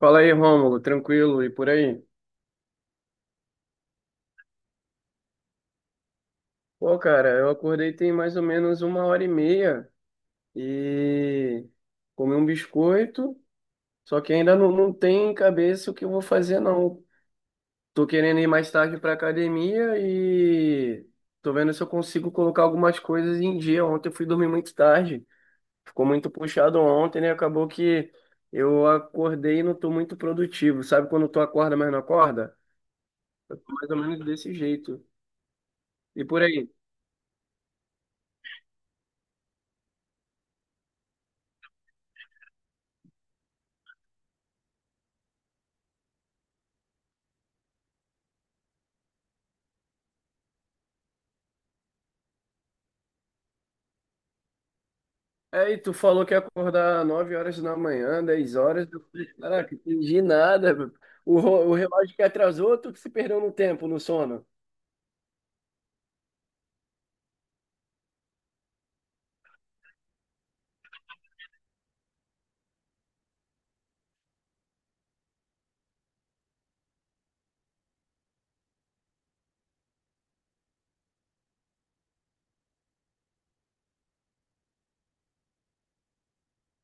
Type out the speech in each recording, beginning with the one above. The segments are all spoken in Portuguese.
Fala aí, Rômulo, tranquilo e por aí? Pô, cara, eu acordei tem mais ou menos uma hora e meia e comi um biscoito, só que ainda não tem em cabeça o que eu vou fazer, não. Tô querendo ir mais tarde pra academia e tô vendo se eu consigo colocar algumas coisas em dia. Ontem eu fui dormir muito tarde, ficou muito puxado ontem, né? Acabou que eu acordei e não tô muito produtivo. Sabe quando tu acorda, mas não acorda? Mais ou menos desse jeito. E por aí? Aí tu falou que ia acordar 9 horas da manhã, 10 horas. Eu falei, caraca, entendi nada, meu. O relógio que atrasou, tu que se perdeu no tempo, no sono.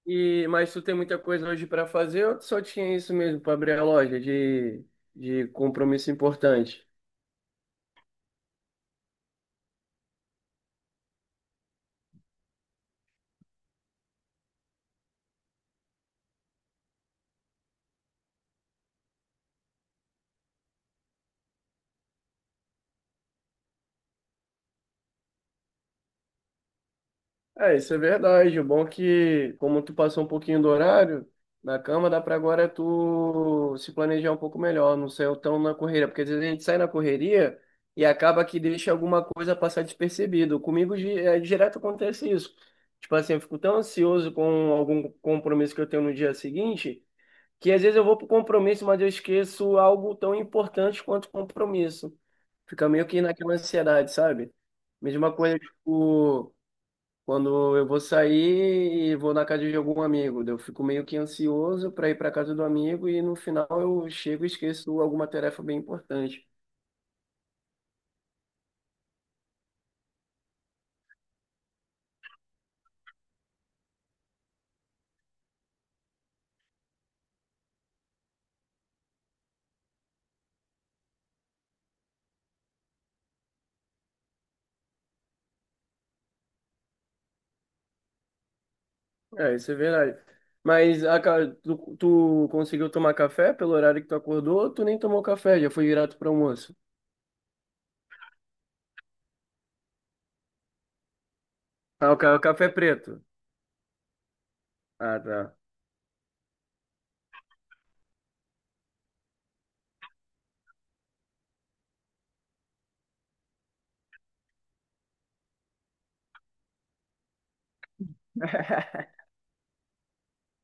E, mas tu tem muita coisa hoje para fazer, ou tu só tinha isso mesmo para abrir a loja de compromisso importante? É, isso é verdade. O bom é que, como tu passou um pouquinho do horário na cama, dá pra agora tu se planejar um pouco melhor, não ser tão na correria, porque às vezes a gente sai na correria e acaba que deixa alguma coisa passar despercebido. É, direto acontece isso. Tipo assim, eu fico tão ansioso com algum compromisso que eu tenho no dia seguinte, que às vezes eu vou pro compromisso, mas eu esqueço algo tão importante quanto o compromisso. Fica meio que naquela ansiedade, sabe? Mesma coisa, tipo. Quando eu vou sair e vou na casa de algum amigo, daí eu fico meio que ansioso para ir para casa do amigo e no final eu chego e esqueço alguma tarefa bem importante. É, isso é verdade. Tu, conseguiu tomar café pelo horário que tu acordou ou tu nem tomou café? Já foi direto para almoço? O café preto. Ah, tá.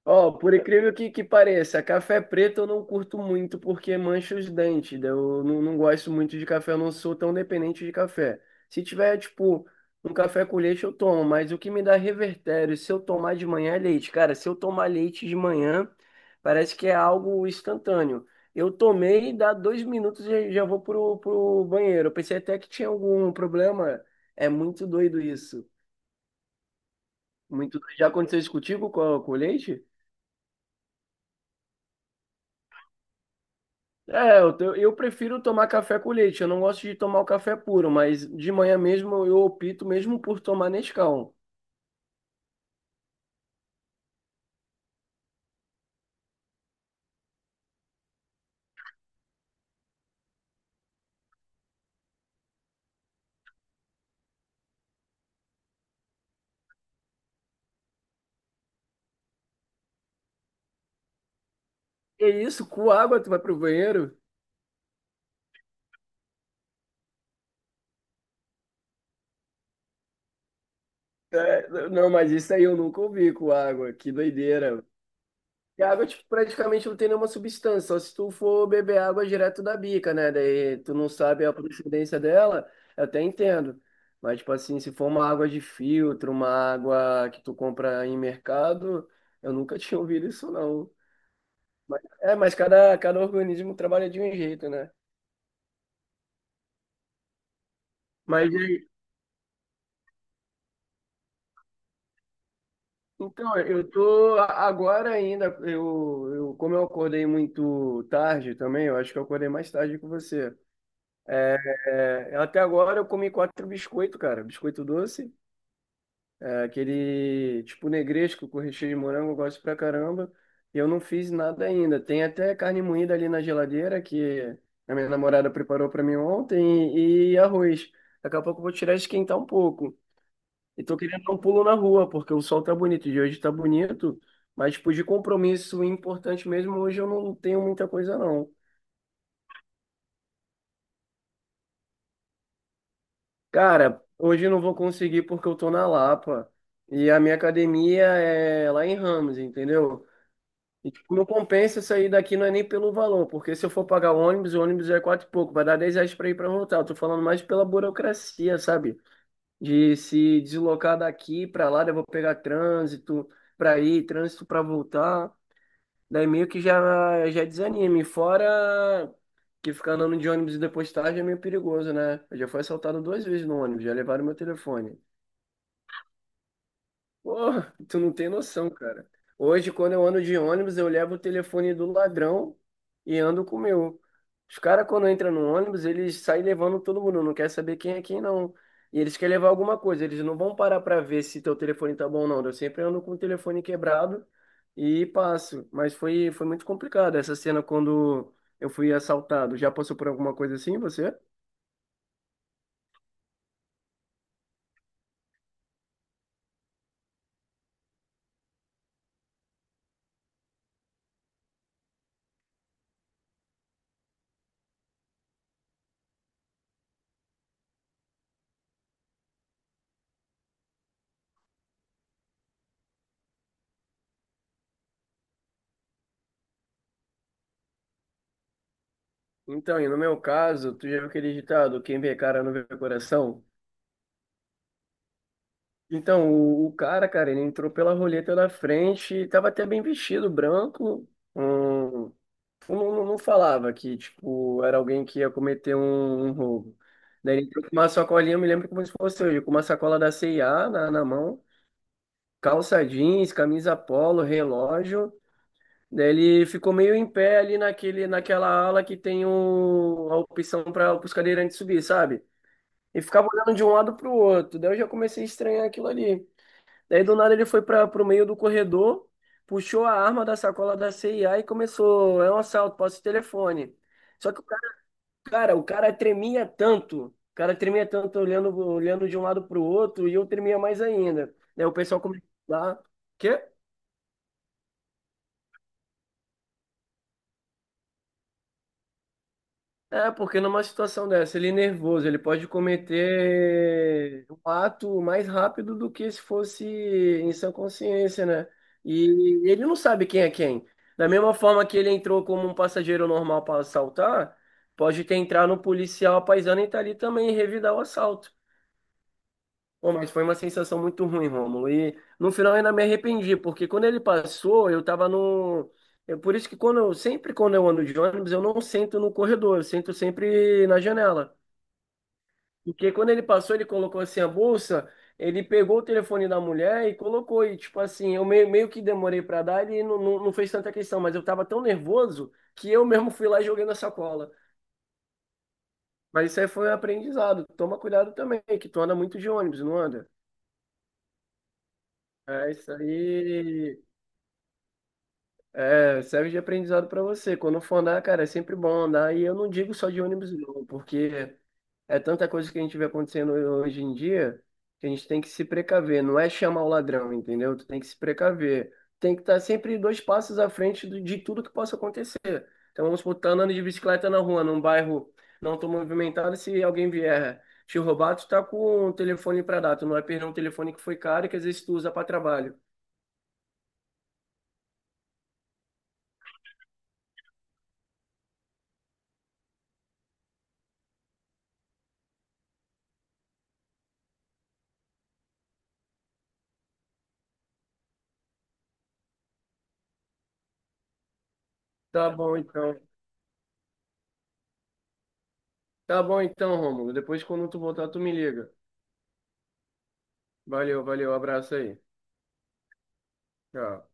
Ó, por incrível que, pareça, café preto eu não curto muito porque mancha os dentes. Daí eu não gosto muito de café, eu não sou tão dependente de café. Se tiver, tipo, um café com leite, eu tomo, mas o que me dá revertério, se eu tomar de manhã é leite. Cara, se eu tomar leite de manhã, parece que é algo instantâneo. Eu tomei, dá 2 minutos e já vou pro banheiro. Eu pensei até que tinha algum problema. É muito doido isso. Muito doido. Já aconteceu isso contigo com, o leite? Eu prefiro tomar café com leite. Eu não gosto de tomar o café puro, mas de manhã mesmo eu opto mesmo por tomar Nescau. Que isso, com água tu vai pro banheiro? É, não, mas isso aí eu nunca ouvi com água. Que doideira. E a água tipo, praticamente não tem nenhuma substância, só se tu for beber água direto da bica, né? Daí tu não sabe a procedência dela, eu até entendo. Mas, tipo assim, se for uma água de filtro, uma água que tu compra em mercado, eu nunca tinha ouvido isso, não. É, mas cada organismo trabalha de um jeito, né? Mas e- então, agora ainda, eu como eu acordei muito tarde também, eu acho que eu acordei mais tarde que você. É, até agora eu comi 4 biscoitos, cara. Biscoito doce, é, aquele tipo negresco com recheio de morango, eu gosto pra caramba. E eu não fiz nada ainda. Tem até carne moída ali na geladeira que a minha namorada preparou pra mim ontem e arroz. Daqui a pouco eu vou tirar e esquentar um pouco. E tô querendo dar um pulo na rua, porque o sol tá bonito, de hoje tá bonito, mas tipo, de compromisso importante mesmo, hoje eu não tenho muita coisa não. Cara, hoje eu não vou conseguir porque eu tô na Lapa e a minha academia é lá em Ramos, entendeu? E tipo, não compensa sair daqui não é nem pelo valor, porque se eu for pagar o ônibus é quatro e pouco, vai dar 10 reais pra ir pra voltar. Eu tô falando mais pela burocracia, sabe? De se deslocar daqui pra lá, daí eu vou pegar trânsito pra ir, trânsito pra voltar. Daí meio que já, já desanime. Fora que ficar andando de ônibus e depois tarde é meio perigoso, né? Eu já fui assaltado 2 vezes no ônibus, já levaram meu telefone. Pô, tu não tem noção, cara. Hoje, quando eu ando de ônibus, eu levo o telefone do ladrão e ando com o meu. Os caras, quando entram no ônibus, eles saem levando todo mundo, não quer saber quem é quem, não. E eles querem levar alguma coisa, eles não vão parar pra ver se teu telefone tá bom ou não. Eu sempre ando com o telefone quebrado e passo. Mas foi muito complicado essa cena quando eu fui assaltado. Já passou por alguma coisa assim, você? Então, e no meu caso, tu já viu aquele ditado, quem vê cara não vê coração? Então, o cara, cara, ele entrou pela roleta na frente, e tava até bem vestido, branco. Hum, não falava que, tipo, era alguém que ia cometer um roubo. Daí ele entrou com uma sacolinha, eu me lembro como se fosse hoje, com uma sacola da C&A na mão, calça jeans, camisa polo, relógio. Daí ele ficou meio em pé ali naquela ala que tem a opção para os cadeirantes subir, sabe? E ficava olhando de um lado pro outro. Daí eu já comecei a estranhar aquilo ali. Daí do nada ele foi para pro meio do corredor, puxou a arma da sacola da CIA e começou, é um assalto, posso o telefone. Só que o cara, cara, o cara tremia tanto, o cara tremia tanto olhando, de um lado pro outro e eu tremia mais ainda. Daí o pessoal começou a falar, "Quê? É, porque numa situação dessa, ele é nervoso, ele pode cometer um ato mais rápido do que se fosse em sã consciência, né? E ele não sabe quem é quem. Da mesma forma que ele entrou como um passageiro normal para assaltar, pode ter entrado um policial paisano e tá ali também e revidar o assalto. Pô, mas foi uma sensação muito ruim, Rômulo. E no final eu ainda me arrependi, porque quando ele passou, eu tava no. É por isso que quando eu, sempre quando eu ando de ônibus, eu não sento no corredor, eu sento sempre na janela. Porque quando ele passou, ele colocou assim a bolsa, ele pegou o telefone da mulher e colocou. E tipo assim, eu meio que demorei pra dar, ele não fez tanta questão, mas eu tava tão nervoso que eu mesmo fui lá e joguei na sacola. Mas isso aí foi um aprendizado. Toma cuidado também, que tu anda muito de ônibus, não anda? É, isso aí. É, serve de aprendizado para você. Quando for andar, cara, é sempre bom andar. E eu não digo só de ônibus, não, porque é tanta coisa que a gente vê acontecendo hoje em dia que a gente tem que se precaver. Não é chamar o ladrão, entendeu? Tu tem que se precaver. Tem que estar sempre 2 passos à frente de tudo que possa acontecer. Então vamos supor, tá andando de bicicleta na rua, num bairro não tão movimentado, se alguém vier te roubar, tu tá com o telefone para dar. Tu não vai perder um telefone que foi caro e que às vezes tu usa para trabalho. Tá bom, então. Tá bom então, Rômulo. Depois, quando tu voltar, tu me liga. Valeu, valeu. Abraço aí. Tchau.